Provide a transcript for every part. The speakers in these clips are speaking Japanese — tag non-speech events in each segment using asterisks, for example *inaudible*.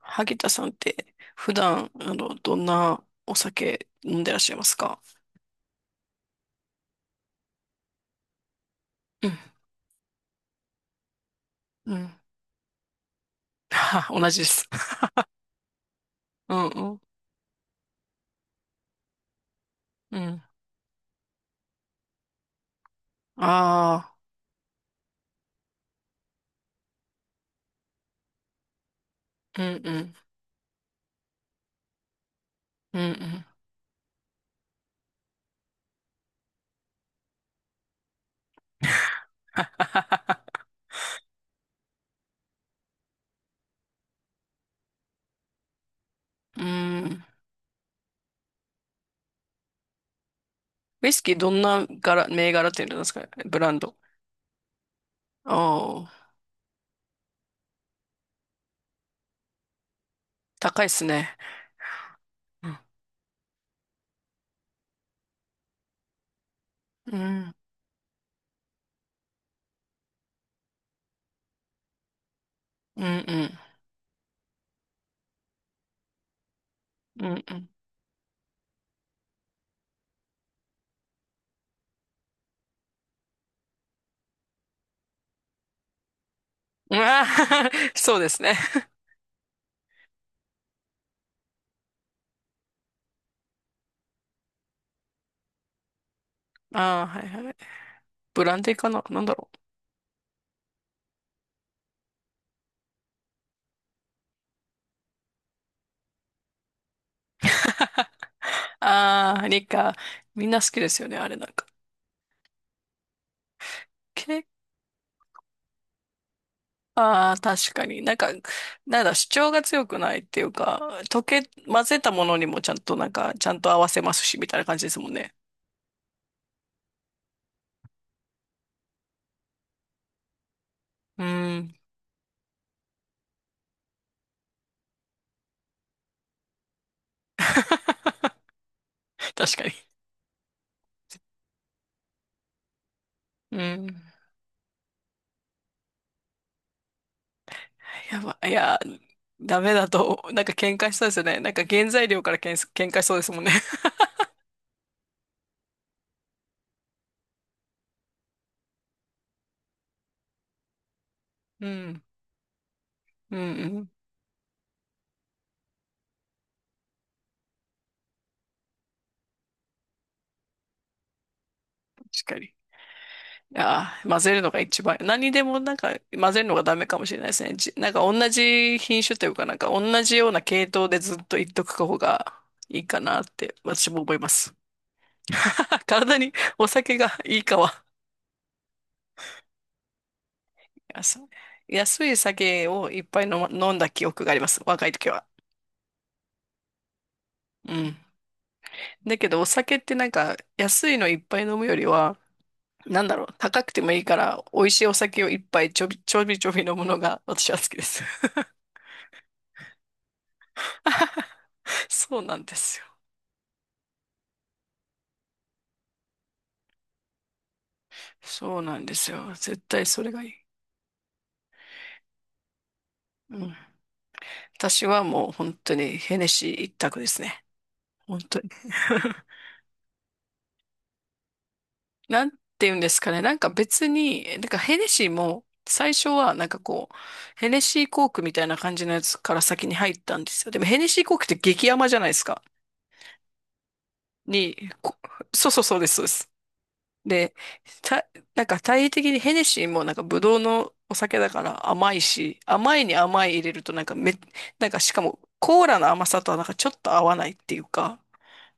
萩田さんって普段、どんなお酒飲んでらっしゃいますか？うん、うん。*laughs* 同じです。*laughs* うんうん、うん。ああ、うんうん、うんうん。*laughs* うん。ウイスキーどんな銘柄っていうんですかブランド？ああ、高いっすね。うん、うん、うん、うん、うん。うん。ああ。 *laughs* そうですね。*laughs* ああ、はいはい。ブランデーかな、なんだろう。ああ、みんな好きですよね、あれなんか。けああ、確かに。なんか、なんだ、主張が強くないっていうか、混ぜたものにもちゃんとなんか、ちゃんと合わせますし、みたいな感じですもんね。うん。*laughs* 確かに。うん。やば、いや、ダメだと、なんか喧嘩しそうですよね。なんか原材料から喧嘩しそうですもんね。*laughs* うん。うんうん。確かに。ああ、混ぜるのが一番。何でもなんか混ぜるのがダメかもしれないですね。なんか同じ品種というか、なんか同じような系統でずっと言っとく方がいいかなって私も思います。*laughs* 体にお酒がいいかは。安い、安い酒をいっぱい飲んだ記憶があります。若い時は。うん。だけどお酒ってなんか安いのいっぱい飲むよりは、なんだろう、高くてもいいから美味しいお酒をいっぱいちょびちょびちょび飲むのが私は好きです。*laughs* そうなんですよ。そうなんですよ。絶対それがいい。うん。私はもう本当にヘネシー一択ですね。本当に。*laughs* なんて言うんですかね。なんか別に、なんかヘネシーも最初はなんかこう、ヘネシーコークみたいな感じのやつから先に入ったんですよ。でもヘネシーコークって激甘じゃないですか。に、こそうそうそうです、そうです。で、たなんか体的にヘネシーもなんかブドウのお酒だから甘いし、甘いに甘い入れるとなんかなんかしかもコーラの甘さとはなんかちょっと合わないっていうか、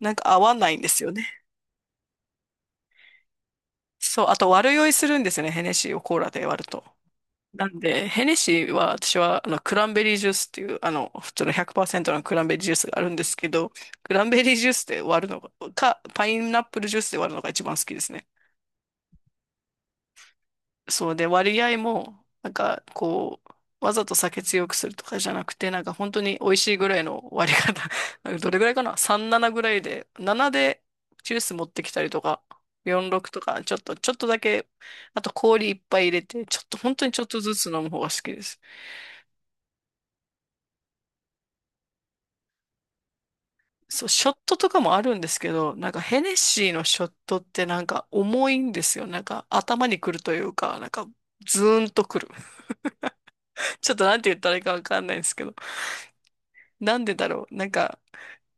なんか合わないんですよね。そう、あと悪酔いするんですよね、ヘネシーをコーラで割ると。なんで、ヘネシーは私はあのクランベリージュースっていうあの普通の100%のクランベリージュースがあるんですけど、クランベリージュースで割るのが、パイナップルジュースで割るのが一番好きですね。そうで、割合も、なんか、こう、わざと酒強くするとかじゃなくて、なんか本当に美味しいぐらいの割り方。*laughs* なんかどれぐらいかな？ 37 ぐらいで、7でジュース持ってきたりとか、46とか、ちょっと、ちょっとだけ、あと氷いっぱい入れて、ちょっと、本当にちょっとずつ飲む方が好きです。そう、ショットとかもあるんですけど、なんかヘネシーのショットってなんか重いんですよ。なんか頭にくるというか、なんかズーンとくる。*laughs* ちょっとなんて言ったらいいかわかんないんですけど。なんでだろう。なんか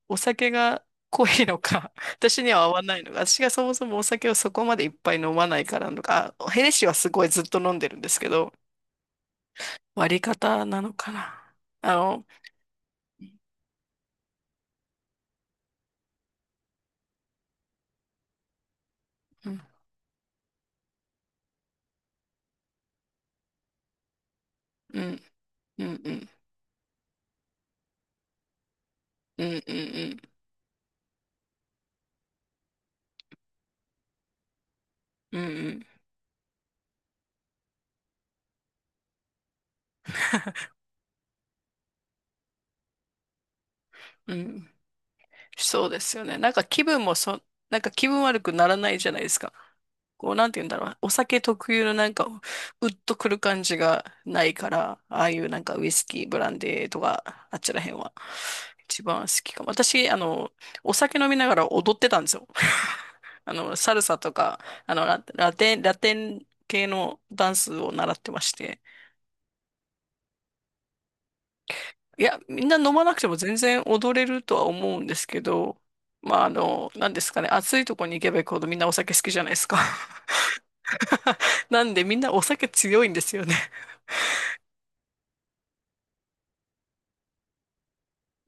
お酒が濃いのか、*laughs* 私には合わないのか、私がそもそもお酒をそこまでいっぱい飲まないからなのか、ヘネシーはすごいずっと飲んでるんですけど、割り方なのかな。あの、うん、うん、うん、うん、うん、うん、うん、うん、うん、うん、そうですよね。なんか気分もなんか気分悪くならないじゃないですか。こう、なんて言うんだろう。お酒特有のなんか、うっとくる感じがないから、ああいうなんかウイスキー、ブランデーとか、あっちらへんは、一番好きかも。私、あの、お酒飲みながら踊ってたんですよ。*laughs* あの、サルサとか、あの、ラテン系のダンスを習ってまして。いや、みんな飲まなくても全然踊れるとは思うんですけど、まあ、あの、なんですかね、暑いとこに行けば行くほどみんなお酒好きじゃないですか。*laughs* なんでみんなお酒強いんですよね。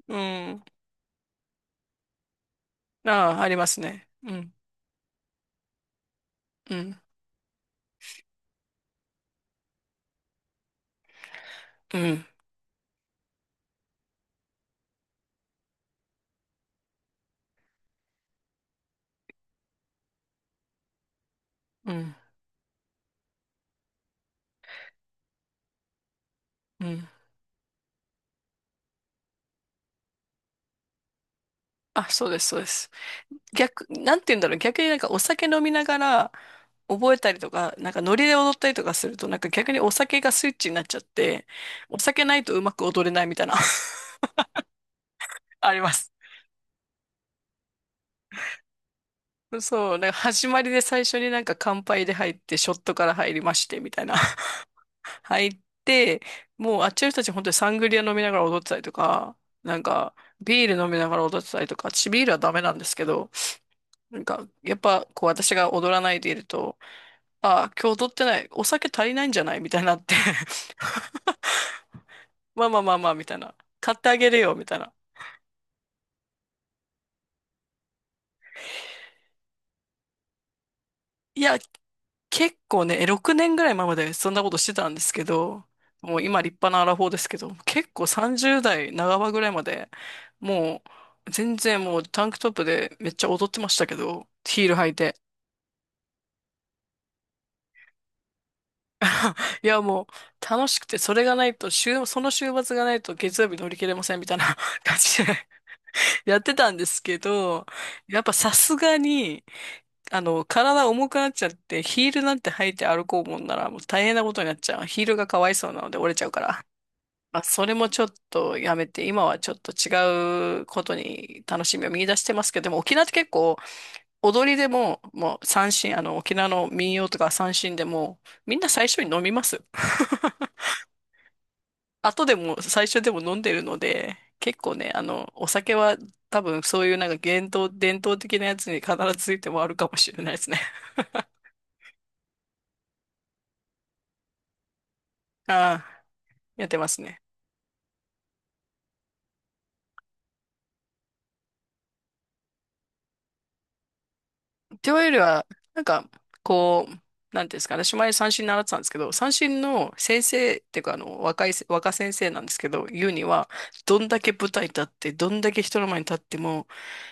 うん。ああ、ありますね。うん、うん、うん、うん、うん。あ、そうです、そうです。逆、なんて言うんだろう、逆になんかお酒飲みながら覚えたりとか、なんかノリで踊ったりとかすると、なんか逆にお酒がスイッチになっちゃって、お酒ないとうまく踊れないみたいな。*laughs* あります。そう、なんか始まりで最初になんか乾杯で入って、ショットから入りまして、みたいな。*laughs* 入って、もうあっちの人たち本当にサングリア飲みながら踊ってたりとか、なんかビール飲みながら踊ってたりとか、私ビールはダメなんですけど、なんかやっぱこう私が踊らないでいると、ああ、今日踊ってない、お酒足りないんじゃないみたいになって *laughs* まあまあまあまあ、みたいな。買ってあげるよ、みたいな。いや、結構ね、6年ぐらい前までそんなことしてたんですけど、もう今立派なアラフォーですけど、結構30代半ばぐらいまで、もう全然もうタンクトップでめっちゃ踊ってましたけど、ヒール履いて。*laughs* いやもう楽しくて、それがないと、その週末がないと月曜日乗り切れませんみたいな *laughs* 感じで *laughs* やってたんですけど、やっぱさすがに、あの、体重くなっちゃって、ヒールなんて履いて歩こうもんならもう大変なことになっちゃう。ヒールがかわいそうなので折れちゃうから。まあ、それもちょっとやめて、今はちょっと違うことに楽しみを見出してますけど、でも沖縄って結構踊りでも、もう三線、あの沖縄の民謡とか三線でも、みんな最初に飲みます。*laughs* 後でも最初でも飲んでるので、結構ね、あの、お酒は多分そういうなんか伝統的なやつに必ずついてもあるかもしれないですね。*laughs* ああ、やってますね。というよりは、なんか、こう、なんていうんですかね、私前三振習ってたんですけど、三振の先生っていうか、あの、若い若先生なんですけど、言うには、どんだけ舞台立って、どんだけ人の前に立っても、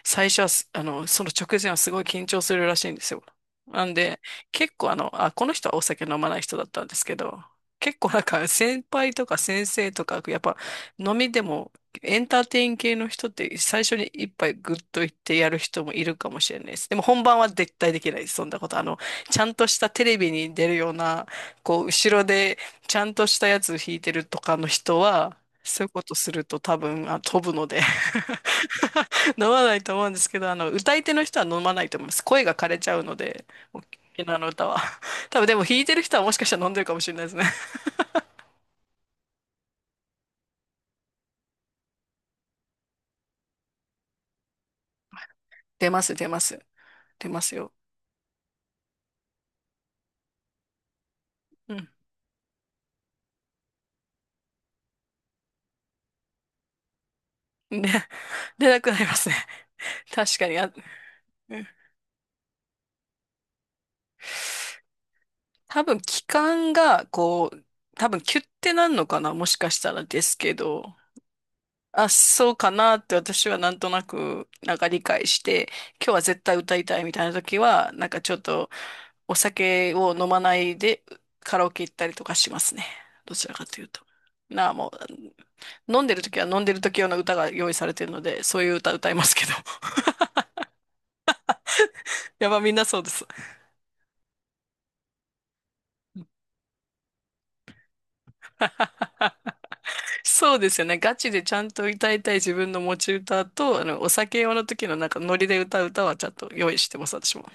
最初はあの、その直前はすごい緊張するらしいんですよ。なんで、結構あの、あ、この人はお酒飲まない人だったんですけど、結構なんか先輩とか先生とか、やっぱ飲みでもエンターテイン系の人って最初に一杯グッといってやる人もいるかもしれないです。でも本番は絶対できないです。そんなこと。あの、ちゃんとしたテレビに出るような、こう、後ろでちゃんとしたやつ弾いてるとかの人は、そういうことすると多分、あ、飛ぶので *laughs* 飲まないと思うんですけど、あの、歌い手の人は飲まないと思います。声が枯れちゃうので、沖縄の歌は。多分でも弾いてる人はもしかしたら飲んでるかもしれないですね。*laughs* 出ます、出ます。出ますよ。うん。で、出なくなりますね。確かに、あ、うん、多分気管が、こう、多分キュッてなんのかな、もしかしたらですけど、あ、そうかなって私はなんとなく、なんか理解して、今日は絶対歌いたいみたいな時は、なんかちょっとお酒を飲まないでカラオケ行ったりとかしますね。どちらかというと。なあ、もう、飲んでる時は飲んでる時用の歌が用意されてるので、そういう歌歌いますけど。*laughs* やば、みんなそうです。そうですよね。ガチでちゃんと歌いたい自分の持ち歌と、あの、お酒用の時のなんかノリで歌う歌はちゃんと用意してます、私も。